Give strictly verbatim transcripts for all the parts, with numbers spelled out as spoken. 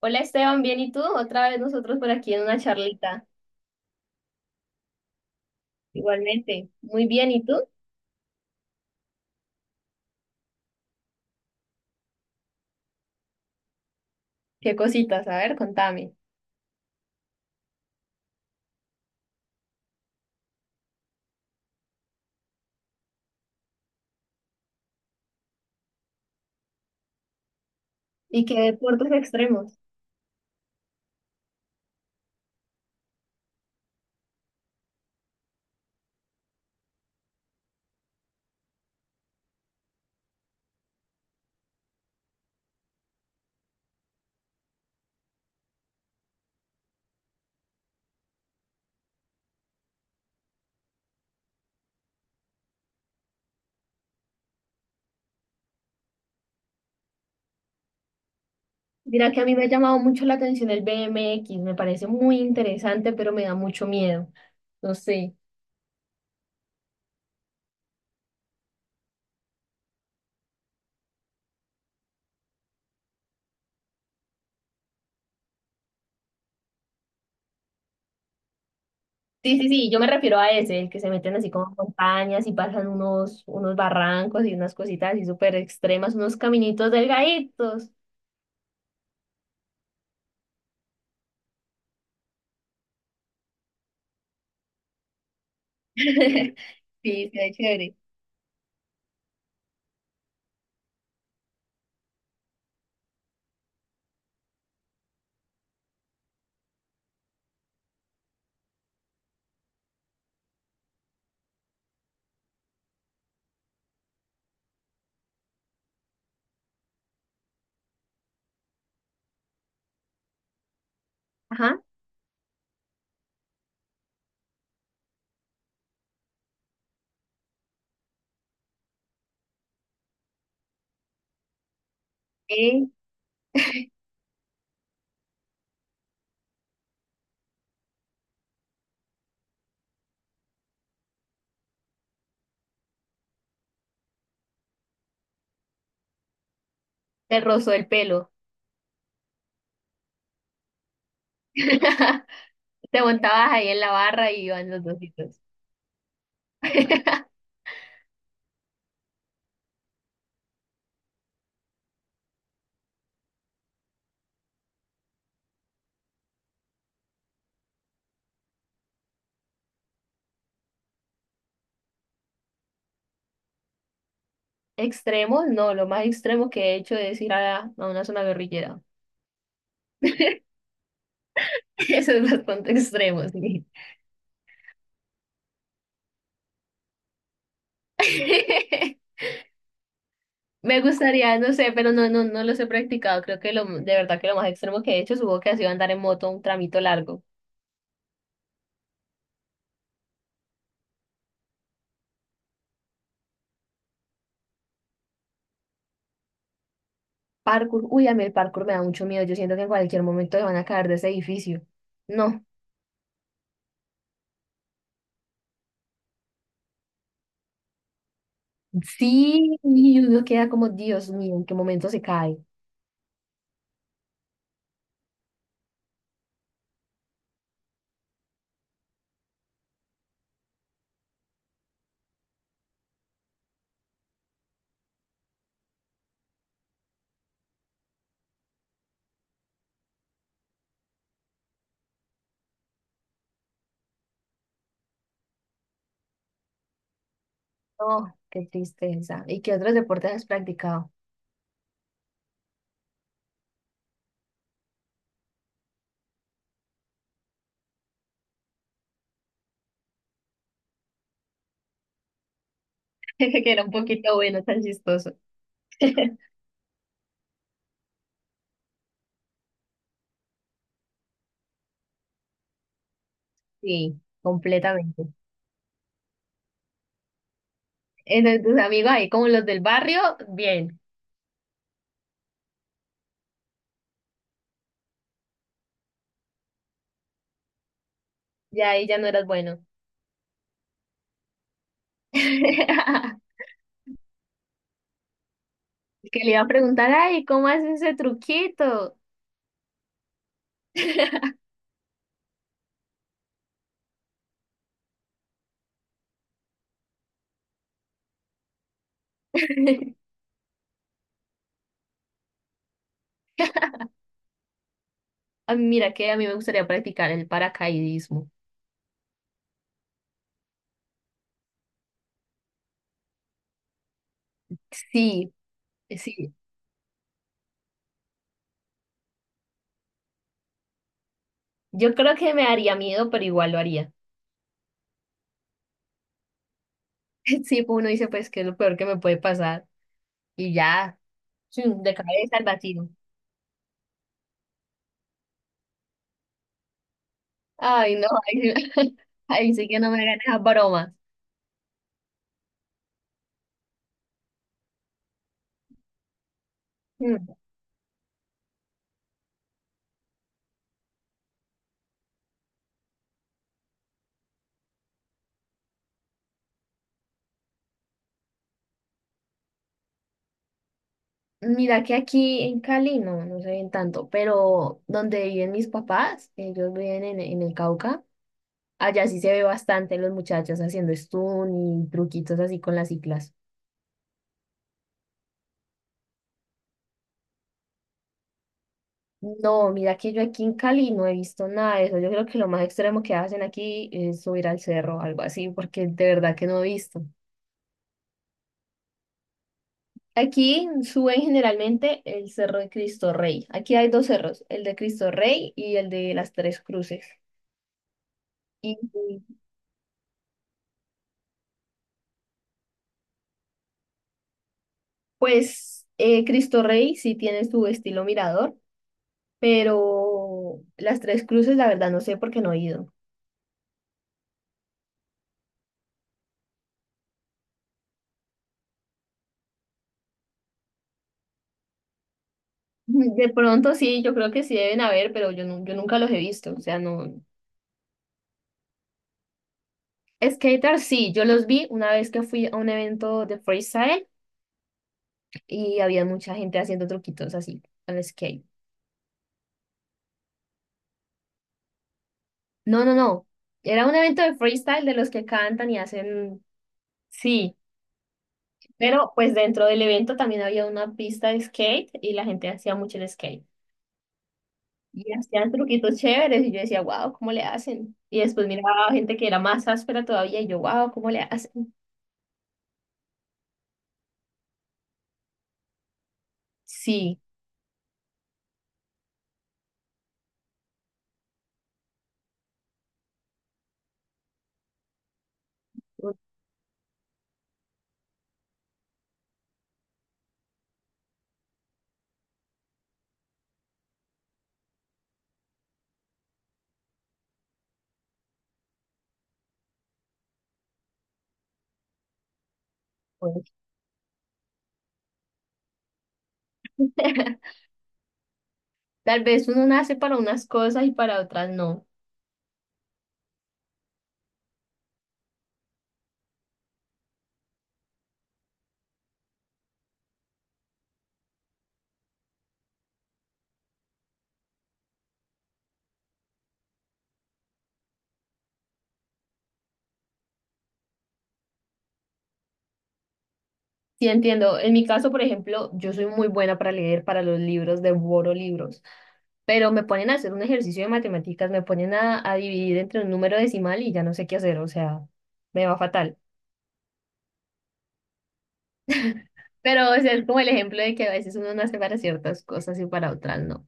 Hola Esteban, ¿bien y tú? Otra vez nosotros por aquí en una charlita. Igualmente, muy bien, ¿y tú? ¿Qué cositas? A ver, contame. ¿Y qué deportes extremos? Mira que a mí me ha llamado mucho la atención el B M X, me parece muy interesante, pero me da mucho miedo. No sé. Sí, sí, sí, yo me refiero a ese, el que se meten así como en montañas y pasan unos, unos barrancos y unas cositas así súper extremas, unos caminitos delgaditos. Sí, está chévere. Ajá. Eh, Te rozó el pelo. Te montabas ahí en la barra y iban los dositos. Extremos, no, lo más extremo que he hecho es ir a, a una zona guerrillera. Eso es bastante extremo, sí. Me gustaría, no sé, pero no, no, no los he practicado. Creo que lo, de verdad que lo más extremo que he hecho, supongo que ha sido andar en moto un tramito largo. Parkour, uy, a mí el parkour me da mucho miedo. Yo siento que en cualquier momento me van a caer de ese edificio. No, sí, y uno queda como, Dios mío, ¿en qué momento se cae? Oh, qué tristeza. ¿Y qué otros deportes has practicado? Que era un poquito bueno, tan chistoso. Sí, completamente. Entonces tus amigos ahí, como los del barrio, bien, ya ahí ya no eras bueno. Que le iba a preguntar, ay, ¿cómo haces ese truquito? A mí, mira que a mí me gustaría practicar el paracaidismo. Sí, sí. Yo creo que me daría miedo, pero igual lo haría. Sí, pues uno dice, pues, ¿que es lo peor que me puede pasar? Y ya, chum, de cabeza al vacío. Ay, no, ahí, sí, ahí sí que no me ganes a bromas. Mm, mira que aquí en Cali no, no se ven tanto, pero donde viven mis papás, ellos viven en, en el Cauca, allá sí se ve bastante los muchachos haciendo stun y truquitos así con las ciclas. No, mira que yo aquí en Cali no he visto nada de eso. Yo creo que lo más extremo que hacen aquí es subir al cerro, algo así, porque de verdad que no he visto. Aquí suben generalmente el Cerro de Cristo Rey. Aquí hay dos cerros, el de Cristo Rey y el de las Tres Cruces. Y pues eh, Cristo Rey sí tiene su estilo mirador, pero las Tres Cruces la verdad no sé por qué no he ido. De pronto sí, yo creo que sí deben haber, pero yo, nu- yo nunca los he visto. O sea, no. Skater sí, yo los vi una vez que fui a un evento de freestyle y había mucha gente haciendo truquitos así al skate. No, no, no. Era un evento de freestyle de los que cantan y hacen, sí, pero pues dentro del evento también había una pista de skate y la gente hacía mucho el skate. Y hacían truquitos chéveres y yo decía, wow, ¿cómo le hacen? Y después miraba gente que era más áspera todavía y yo, wow, ¿cómo le hacen? Sí, pues, tal vez uno nace para unas cosas y para otras no. Sí, entiendo. En mi caso, por ejemplo, yo soy muy buena para leer, para los libros, devoro libros, pero me ponen a hacer un ejercicio de matemáticas, me ponen a, a dividir entre un número decimal y ya no sé qué hacer, o sea, me va fatal. Pero o sea, es como el ejemplo de que a veces uno nace para ciertas cosas y para otras no.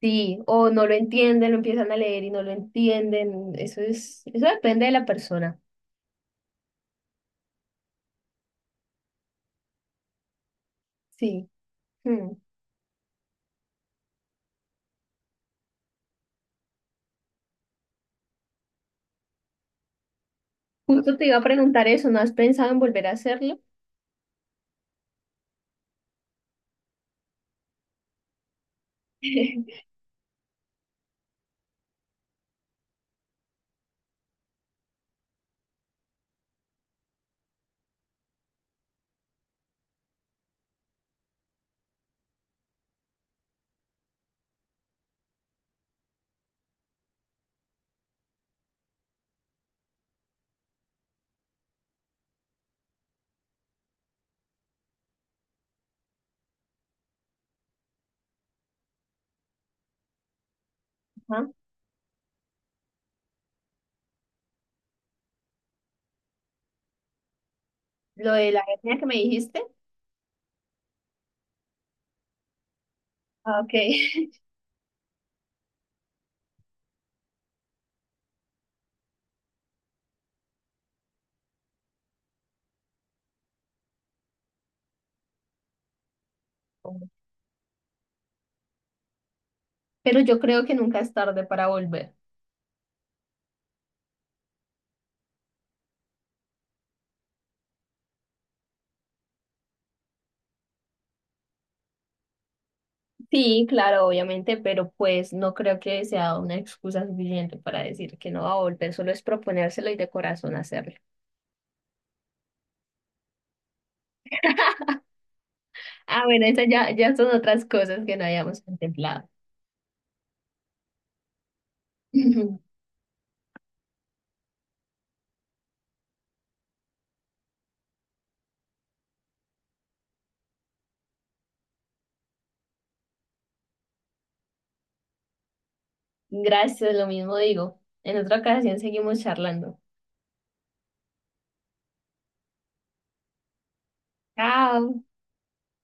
Sí, o no lo entienden, lo empiezan a leer y no lo entienden. Eso es, eso depende de la persona. Sí. Hmm. Justo te iba a preguntar eso, ¿no has pensado en volver a hacerlo? Ajá. Lo de la etnia que me dijiste. Ah, ok. Pero yo creo que nunca es tarde para volver. Sí, claro, obviamente, pero pues no creo que sea una excusa suficiente para decir que no va a volver, solo es proponérselo y de corazón hacerlo. Ah, bueno, esas ya, ya son otras cosas que no habíamos contemplado. Gracias, lo mismo digo. En otra ocasión seguimos charlando. Chao.